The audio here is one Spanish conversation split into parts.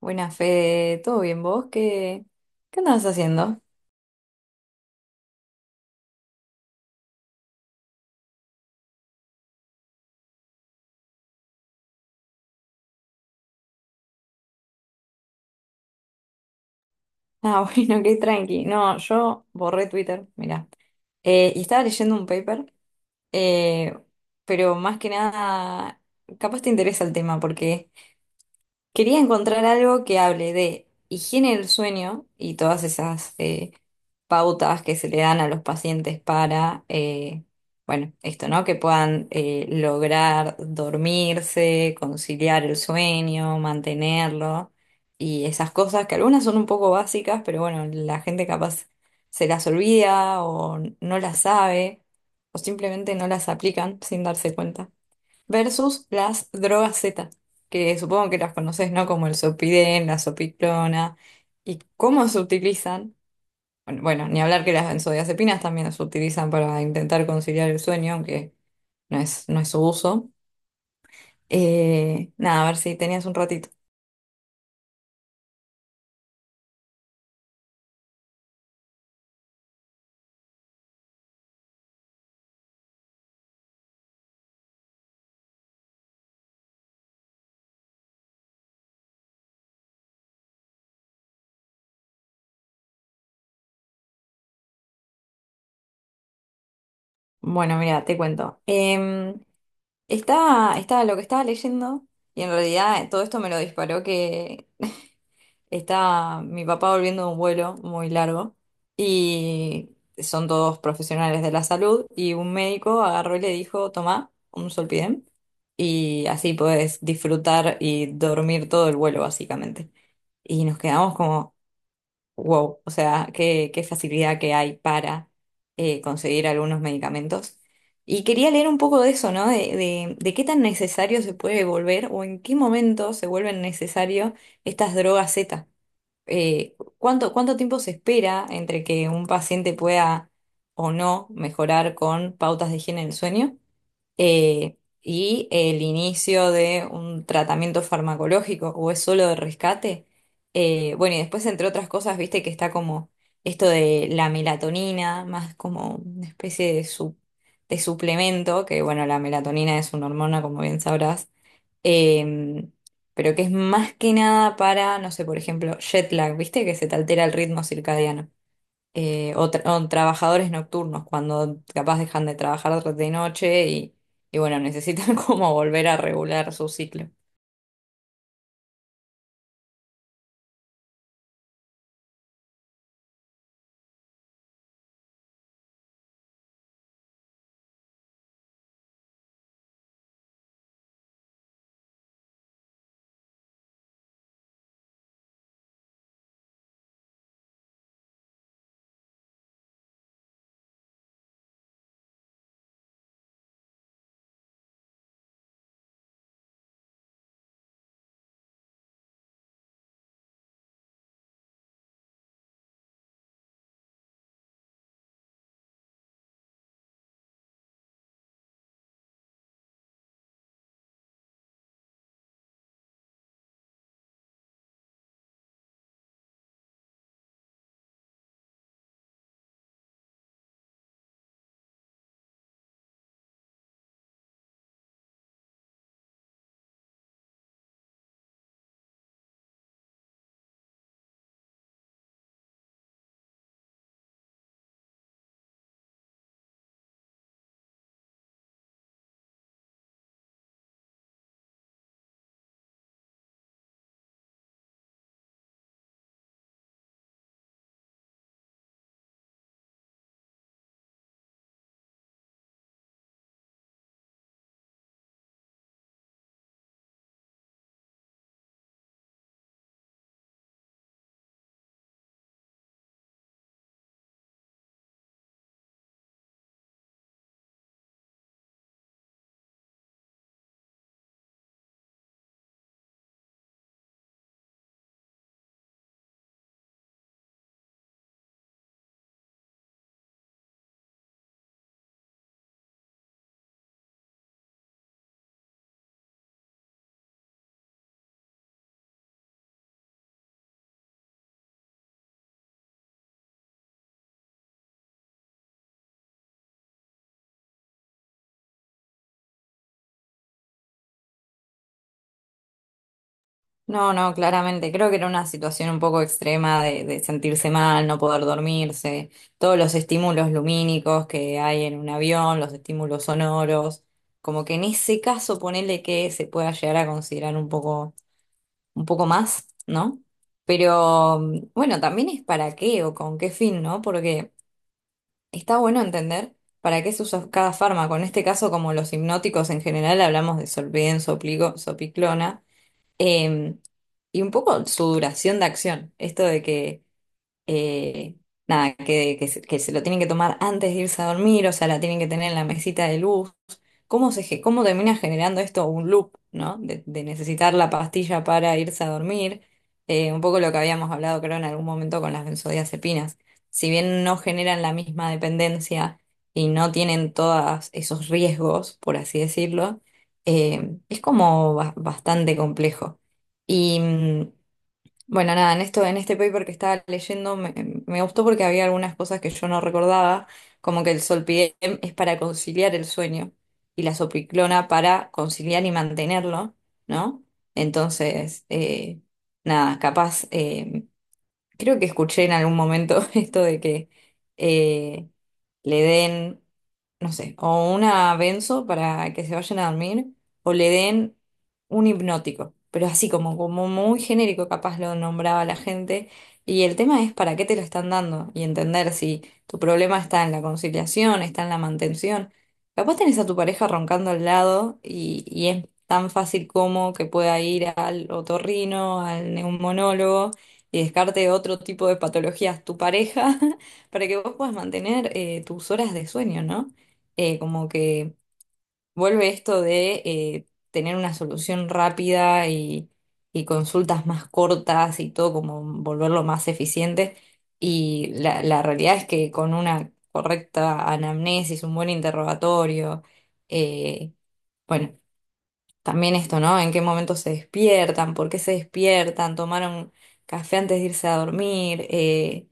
Buena Fede, ¿todo bien vos? ¿Qué andabas haciendo? Ah, bueno, qué tranqui. No, yo borré Twitter, mirá. Y estaba leyendo un paper, eh, pero más que nada, capaz te interesa el tema, porque quería encontrar algo que hable de higiene del sueño y todas esas pautas que se le dan a los pacientes para, bueno, esto, ¿no? Que puedan lograr dormirse, conciliar el sueño, mantenerlo, y esas cosas que algunas son un poco básicas, pero bueno, la gente capaz se las olvida o no las sabe, o simplemente no las aplican sin darse cuenta, versus las drogas Z, que supongo que las conoces, ¿no? Como el Zopidem, la Zopiclona, y cómo se utilizan. Bueno, bueno, ni hablar que las benzodiazepinas también se utilizan para intentar conciliar el sueño, aunque no es su uso. Nada, a ver si tenías un ratito. Bueno, mira, te cuento. Estaba lo que estaba leyendo, y en realidad todo esto me lo disparó que está mi papá volviendo de un vuelo muy largo, y son todos profesionales de la salud, y un médico agarró y le dijo, tomá un solpidem y así podés disfrutar y dormir todo el vuelo básicamente. Y nos quedamos como, wow, o sea, qué facilidad que hay para conseguir algunos medicamentos. Y quería leer un poco de eso, ¿no? De qué tan necesario se puede volver, o en qué momento se vuelven necesarios estas drogas Z, ¿cuánto tiempo se espera entre que un paciente pueda o no mejorar con pautas de higiene del sueño, eh, y el inicio de un tratamiento farmacológico, o es solo de rescate? Bueno, y después, entre otras cosas, viste que está como esto de la melatonina, más como una especie de, de suplemento, que bueno, la melatonina es una hormona, como bien sabrás, em, pero que es más que nada para, no sé, por ejemplo, jet lag, ¿viste? Que se te altera el ritmo circadiano. O trabajadores nocturnos, cuando capaz dejan de trabajar de noche, y bueno, necesitan como volver a regular su ciclo. No, no, claramente. Creo que era una situación un poco extrema de sentirse mal, no poder dormirse, todos los estímulos lumínicos que hay en un avión, los estímulos sonoros, como que en ese caso ponele que se pueda llegar a considerar un poco más, ¿no? Pero bueno, también es para qué o con qué fin, ¿no? Porque está bueno entender para qué se usa cada fármaco. En este caso, como los hipnóticos en general, hablamos de Solven, Sopligo, Sopiclona, eh, y un poco su duración de acción. Esto de que, eh, nada, que se lo tienen que tomar antes de irse a dormir, o sea, la tienen que tener en la mesita de luz. ¿Cómo termina generando esto un loop, ¿no? De necesitar la pastilla para irse a dormir. Un poco lo que habíamos hablado, creo, en algún momento, con las benzodiazepinas. Si bien no generan la misma dependencia y no tienen todos esos riesgos, por así decirlo, es como bastante complejo. Y, bueno, nada, en esto, en este paper que estaba leyendo me gustó porque había algunas cosas que yo no recordaba, como que el solpidem es para conciliar el sueño y la sopiclona para conciliar y mantenerlo, ¿no? Entonces, nada, capaz creo que escuché en algún momento esto de que eh, le den, no sé, o una benzo para que se vayan a dormir, o le den un hipnótico, pero así como muy genérico, capaz lo nombraba la gente. Y el tema es para qué te lo están dando, y entender si tu problema está en la conciliación, está en la mantención. Capaz tenés a tu pareja roncando al lado, y es tan fácil como que pueda ir al otorrino, al neumonólogo, y descarte otro tipo de patologías tu pareja para que vos puedas mantener tus horas de sueño, ¿no? Como que vuelve esto de tener una solución rápida, y consultas más cortas, y todo como volverlo más eficiente. Y la realidad es que con una correcta anamnesis, un buen interrogatorio, eh, bueno. También esto, ¿no? ¿En qué momento se despiertan? ¿Por qué se despiertan? ¿Tomaron café antes de irse a dormir?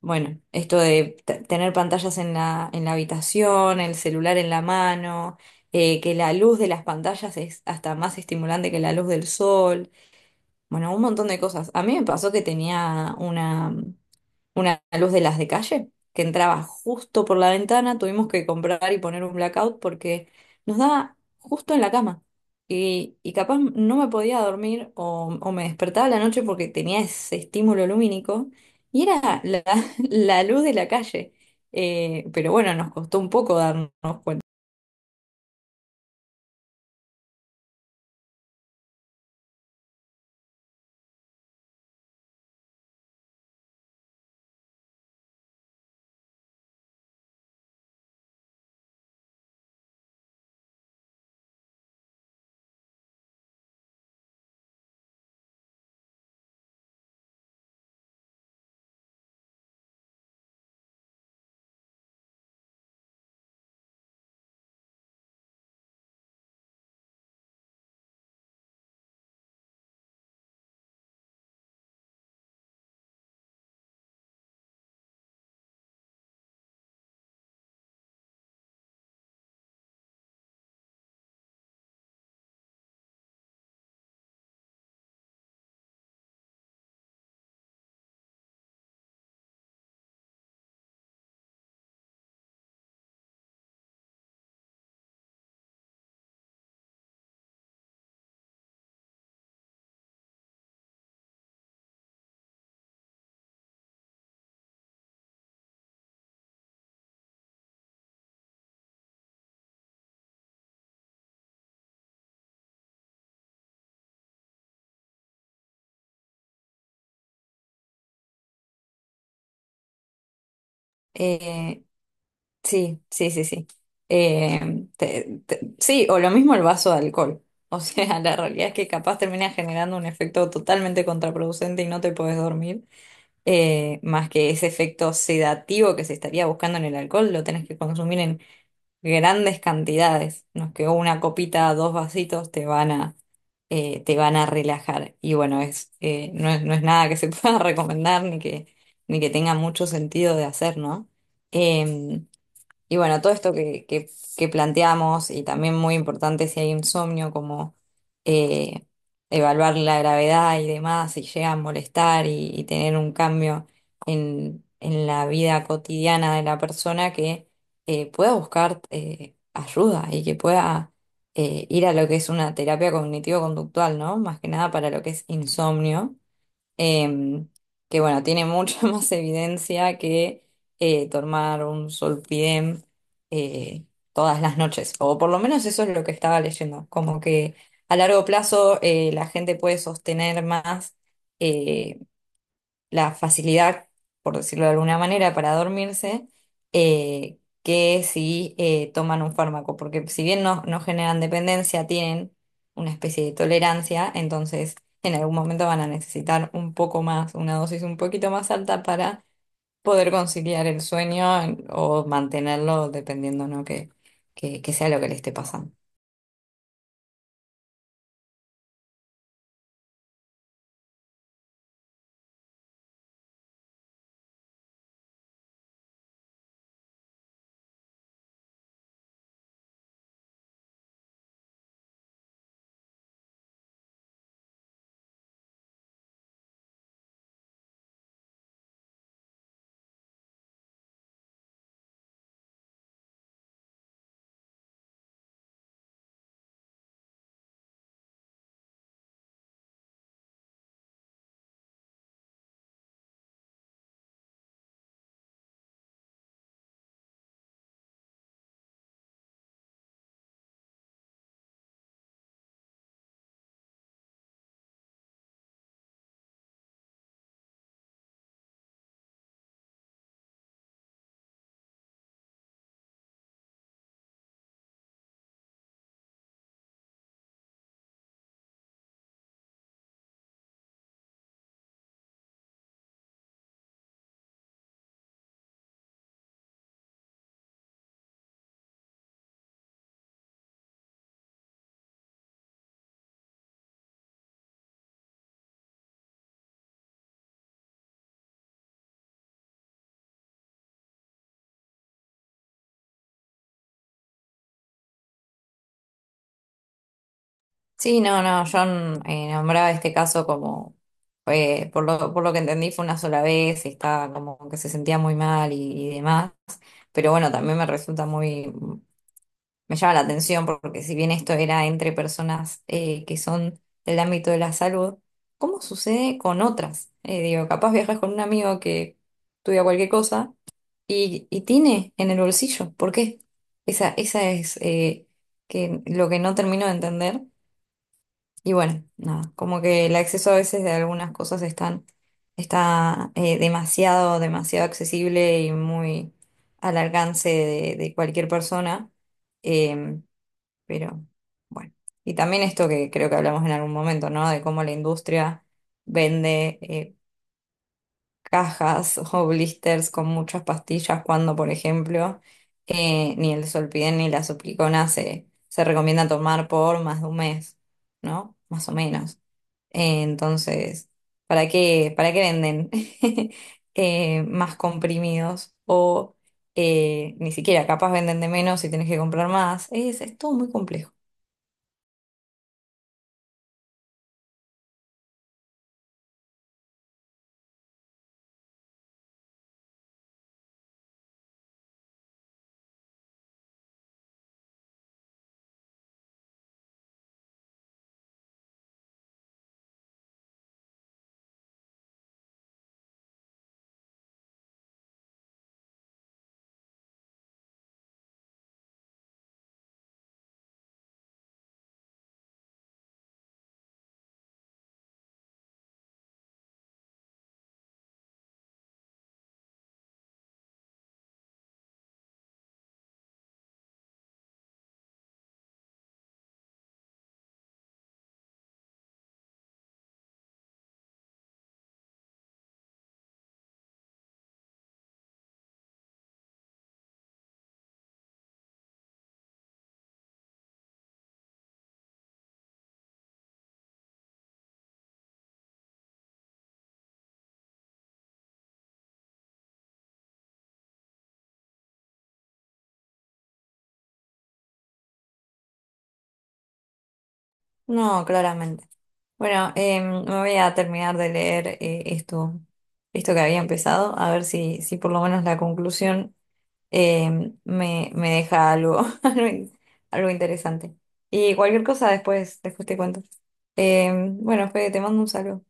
Bueno, esto de tener pantallas en la habitación, el celular en la mano, que la luz de las pantallas es hasta más estimulante que la luz del sol. Bueno, un montón de cosas. A mí me pasó que tenía una luz de las de calle que entraba justo por la ventana. Tuvimos que comprar y poner un blackout porque nos daba justo en la cama. Y capaz no me podía dormir, o me despertaba a la noche porque tenía ese estímulo lumínico, y era la, la luz de la calle. Pero bueno, nos costó un poco darnos cuenta. Eh, Sí, sí, sí, sí. Sí, o lo mismo el vaso de alcohol. O sea, la realidad es que capaz termina generando un efecto totalmente contraproducente y no te podés dormir. Más que ese efecto sedativo que se estaría buscando en el alcohol, lo tenés que consumir en grandes cantidades. No es que una copita, dos vasitos te van a relajar. Y bueno, es, no es, no es nada que se pueda recomendar, ni que tenga mucho sentido de hacer, ¿no? Em, y bueno, todo esto que, que planteamos, y también muy importante si hay insomnio, como eh, evaluar la gravedad y demás, si llega a molestar, y tener un cambio en la vida cotidiana de la persona, que pueda buscar ayuda, y que pueda ir a lo que es una terapia cognitivo-conductual, ¿no? Más que nada para lo que es insomnio, em, que bueno, tiene mucha más evidencia que tomar un solpidem eh, todas las noches, o por lo menos eso es lo que estaba leyendo, como que a largo plazo, la gente puede sostener más eh, la facilidad, por decirlo de alguna manera, para dormirse, que si toman un fármaco, porque si bien no generan dependencia, tienen una especie de tolerancia, entonces en algún momento van a necesitar un poco más, una dosis un poquito más alta, para poder conciliar el sueño, o mantenerlo, dependiendo, ¿no? Que sea lo que le esté pasando. Sí, no, no, yo nombraba este caso como, por lo que entendí fue una sola vez, y estaba como que se sentía muy mal, y demás, pero bueno, también me resulta muy, me llama la atención porque si bien esto era entre personas que son del ámbito de la salud, ¿cómo sucede con otras? Digo, capaz viajas con un amigo que estudia cualquier cosa, y tiene en el bolsillo, ¿por qué? Esa es, lo que no termino de entender. Y bueno, nada, como que el acceso a veces de algunas cosas, está demasiado, demasiado accesible, y muy al alcance de cualquier persona. Em, pero bueno, y también esto que creo que hablamos en algún momento, ¿no? De cómo la industria vende cajas o blisters con muchas pastillas cuando, por ejemplo, ni el Solpiden ni la Suplicona se recomienda tomar por más de un mes, ¿no? Más o menos. Entonces, ¿para qué venden más comprimidos? O ni siquiera, capaz venden de menos y tenés que comprar más. Es todo muy complejo. No, claramente. Bueno, me voy a terminar de leer esto que había empezado, a ver si por lo menos la conclusión me deja algo, algo interesante. Y cualquier cosa después te cuento. Bueno, Fede, te mando un saludo.